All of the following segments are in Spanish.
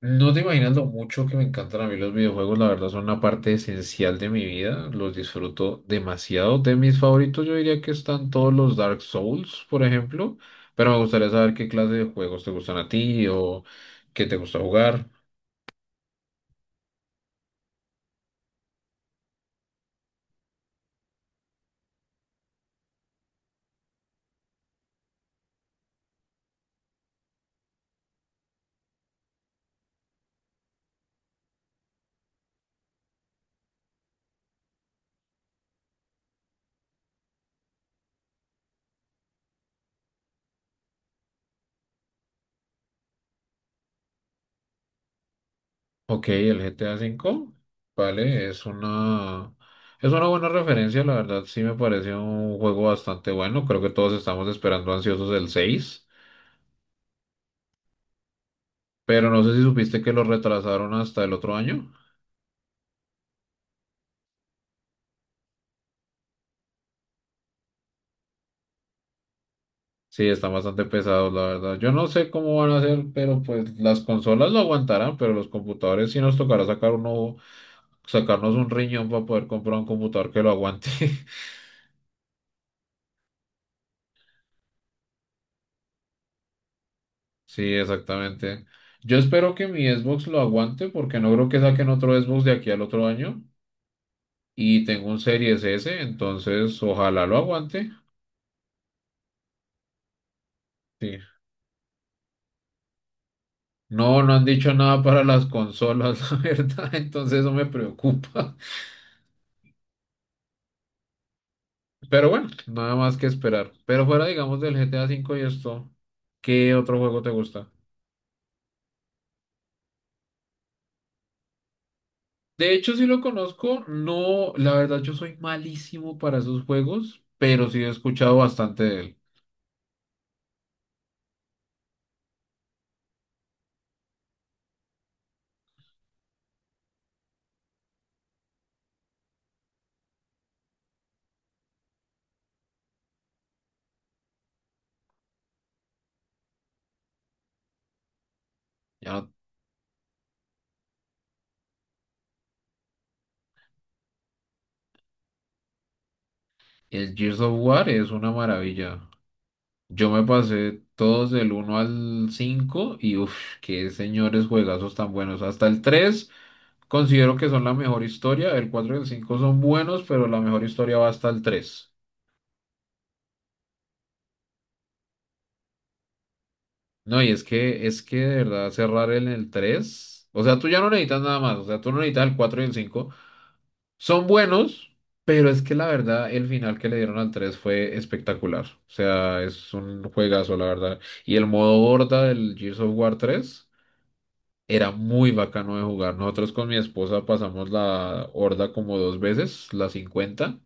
No te imaginas lo mucho que me encantan a mí los videojuegos, la verdad son una parte esencial de mi vida, los disfruto demasiado. De mis favoritos yo diría que están todos los Dark Souls, por ejemplo, pero me gustaría saber qué clase de juegos te gustan a ti o qué te gusta jugar. Ok, el GTA V, vale, es una buena referencia, la verdad sí me parece un juego bastante bueno, creo que todos estamos esperando ansiosos el seis, pero no sé si supiste que lo retrasaron hasta el otro año. Sí, están bastante pesados, la verdad. Yo no sé cómo van a hacer, pero pues las consolas lo aguantarán, pero los computadores sí nos tocará sacar uno, sacarnos un riñón para poder comprar un computador que lo aguante. Sí, exactamente. Yo espero que mi Xbox lo aguante porque no creo que saquen otro Xbox de aquí al otro año y tengo un Series S, entonces ojalá lo aguante. Sí. No, no han dicho nada para las consolas, la verdad, entonces eso me preocupa. Pero bueno, nada más que esperar. Pero fuera, digamos, del GTA cinco y esto, ¿qué otro juego te gusta? De hecho, sí lo conozco. No, la verdad, yo soy malísimo para esos juegos, pero sí he escuchado bastante de él. Ya, el Gears of War es una maravilla. Yo me pasé todos del uno al 5 y uff, qué señores juegazos tan buenos. Hasta el 3 considero que son la mejor historia. El 4 y el 5 son buenos, pero la mejor historia va hasta el tres. No, y es que de verdad cerrar en el 3, o sea, tú ya no necesitas nada más, o sea, tú no necesitas el 4 y el cinco. Son buenos, pero es que la verdad el final que le dieron al 3 fue espectacular. O sea, es un juegazo, la verdad. Y el modo horda del Gears of War tres era muy bacano de jugar. Nosotros con mi esposa pasamos la horda como dos veces, la 50,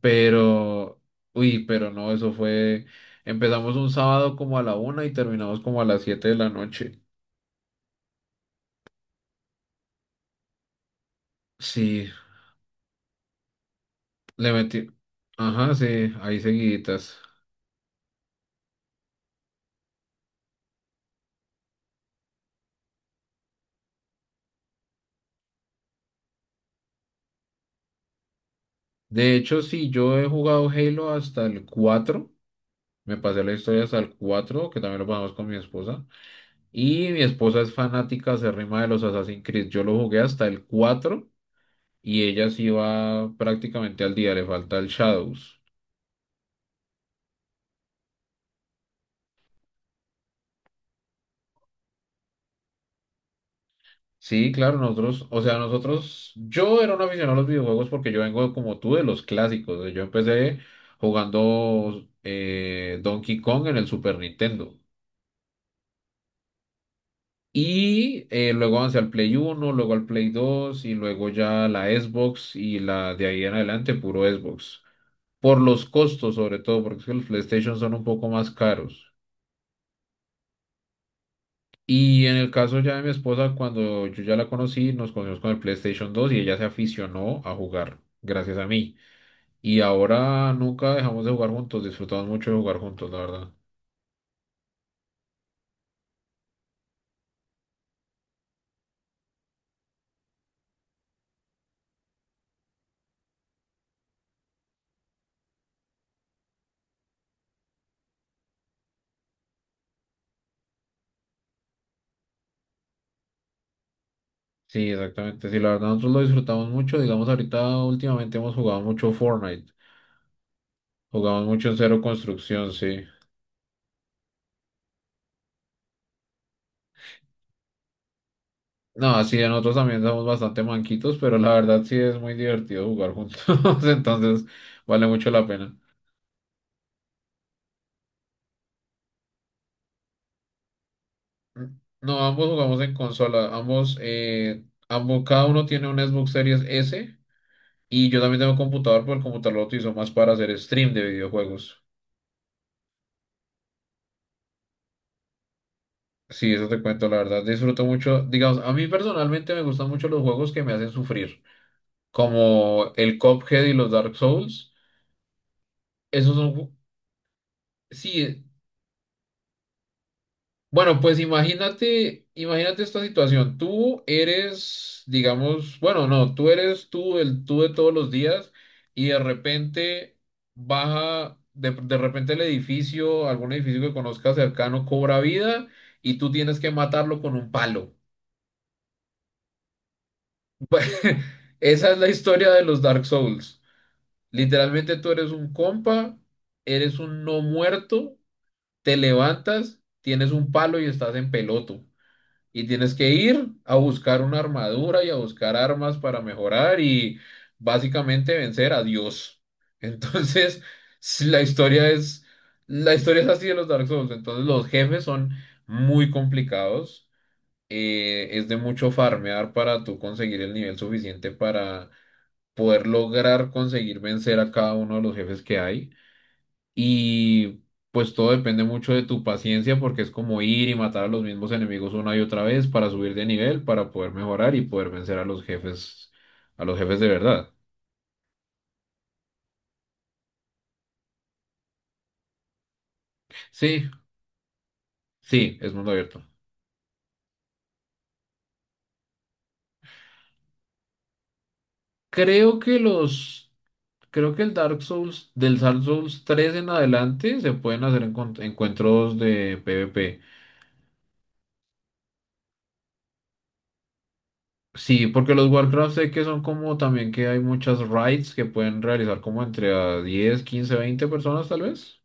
pero, uy, pero no, eso fue... Empezamos un sábado como a la una y terminamos como a las 7 de la noche. Sí, le metí. Ajá, sí, ahí seguiditas. De hecho, sí, yo he jugado Halo hasta el cuatro. Me pasé la historia hasta el 4, que también lo pasamos con mi esposa. Y mi esposa es fanática acérrima de los Assassin's Creed. Yo lo jugué hasta el 4 y ella sí va prácticamente al día, le falta el Shadows. Sí, claro, nosotros, o sea, nosotros, yo era un aficionado a los videojuegos porque yo vengo como tú de los clásicos. Yo empecé jugando Donkey Kong en el Super Nintendo. Y luego avancé al Play uno, luego al Play 2 y luego ya la Xbox y la de ahí en adelante puro Xbox. Por los costos sobre todo, porque es que los PlayStation son un poco más caros. Y en el caso ya de mi esposa, cuando yo ya la conocí, nos conocimos con el PlayStation 2 y ella se aficionó a jugar, gracias a mí. Y ahora nunca dejamos de jugar juntos, disfrutamos mucho de jugar juntos, la verdad. Sí, exactamente. Sí, la verdad nosotros lo disfrutamos mucho. Digamos, ahorita últimamente hemos jugado mucho Fortnite. Jugamos mucho en cero construcción, sí. No, así nosotros también somos bastante manquitos, pero la verdad sí es muy divertido jugar juntos, entonces vale mucho la pena. No, ambos jugamos en consola, ambos, ambos, cada uno tiene un Xbox Series S y yo también tengo computador, pero el computador lo utilizo más para hacer stream de videojuegos. Sí, eso te cuento, la verdad, disfruto mucho, digamos, a mí personalmente me gustan mucho los juegos que me hacen sufrir, como el Cuphead y los Dark Souls. Esos son, sí. Bueno, pues imagínate, imagínate esta situación. Tú eres, digamos, bueno, no, tú eres tú, el tú de todos los días, y de repente baja, de repente el edificio, algún edificio que conozcas cercano cobra vida y tú tienes que matarlo con un palo. Esa es la historia de los Dark Souls. Literalmente tú eres un compa, eres un no muerto, te levantas, tienes un palo y estás en peloto. Y tienes que ir a buscar una armadura y a buscar armas para mejorar y básicamente vencer a Dios. Entonces, s- la historia es, la historia es así de los Dark Souls. Entonces, los jefes son muy complicados. Es de mucho farmear para tú conseguir el nivel suficiente para poder lograr conseguir vencer a cada uno de los jefes que hay. Y pues todo depende mucho de tu paciencia porque es como ir y matar a los mismos enemigos una y otra vez para subir de nivel, para poder mejorar y poder vencer a los jefes de verdad. Sí, sí, es mundo abierto. Creo que los, creo que el Dark Souls, del Dark Souls tres en adelante se pueden hacer encuentros de PvP. Sí, porque los Warcraft sé que son como también que hay muchas raids que pueden realizar como entre a 10 15 20 personas tal vez.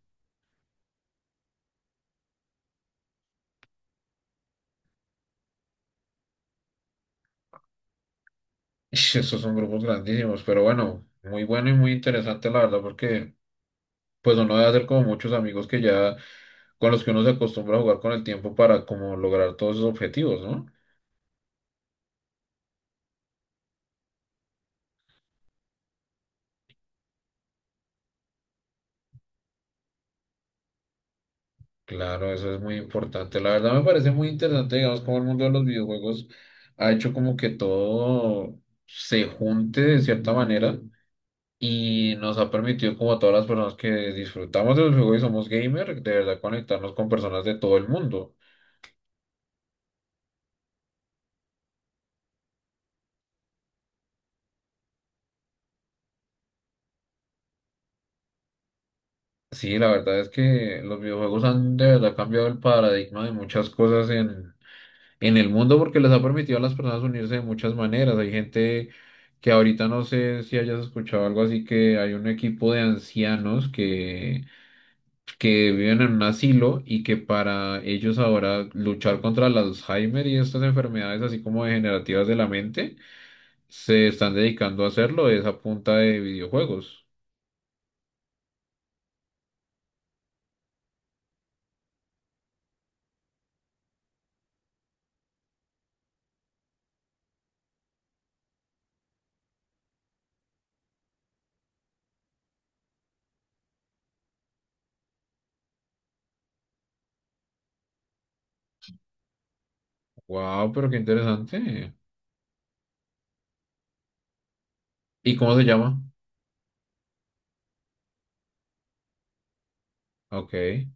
Ish, estos son grupos grandísimos, pero bueno, muy bueno y muy interesante la verdad, porque pues uno debe hacer como muchos amigos que ya, con los que uno se acostumbra a jugar con el tiempo para como lograr todos esos objetivos, ¿no? Claro, eso es muy importante. La verdad me parece muy interesante, digamos, cómo el mundo de los videojuegos ha hecho como que todo se junte de cierta manera y nos ha permitido como a todas las personas que disfrutamos de los juegos y somos gamer, de verdad conectarnos con personas de todo el mundo. Sí, la verdad es que los videojuegos han de verdad cambiado el paradigma de muchas cosas en el mundo porque les ha permitido a las personas unirse de muchas maneras. Hay gente que ahorita no sé si hayas escuchado algo así que hay un equipo de ancianos que viven en un asilo y que para ellos ahora luchar contra el Alzheimer y estas enfermedades así como degenerativas de la mente se están dedicando a hacerlo es a punta de videojuegos. Wow, pero qué interesante. ¿Y cómo se llama? Ok.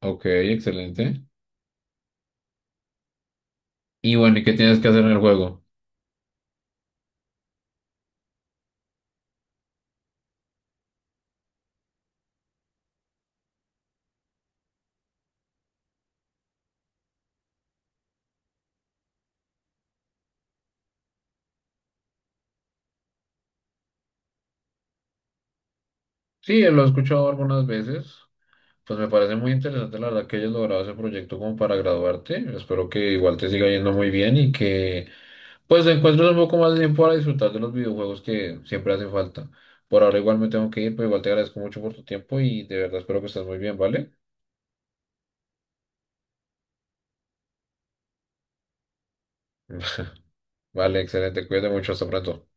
Ok, excelente. Y bueno, ¿y qué tienes que hacer en el juego? Sí, lo he escuchado algunas veces. Pues me parece muy interesante la verdad que hayas logrado ese proyecto como para graduarte. Espero que igual te siga yendo muy bien y que pues encuentres un poco más de tiempo para disfrutar de los videojuegos que siempre hace falta. Por ahora igual me tengo que ir, pero igual te agradezco mucho por tu tiempo y de verdad espero que estés muy bien, ¿vale? Vale, excelente. Cuídate mucho. Hasta pronto.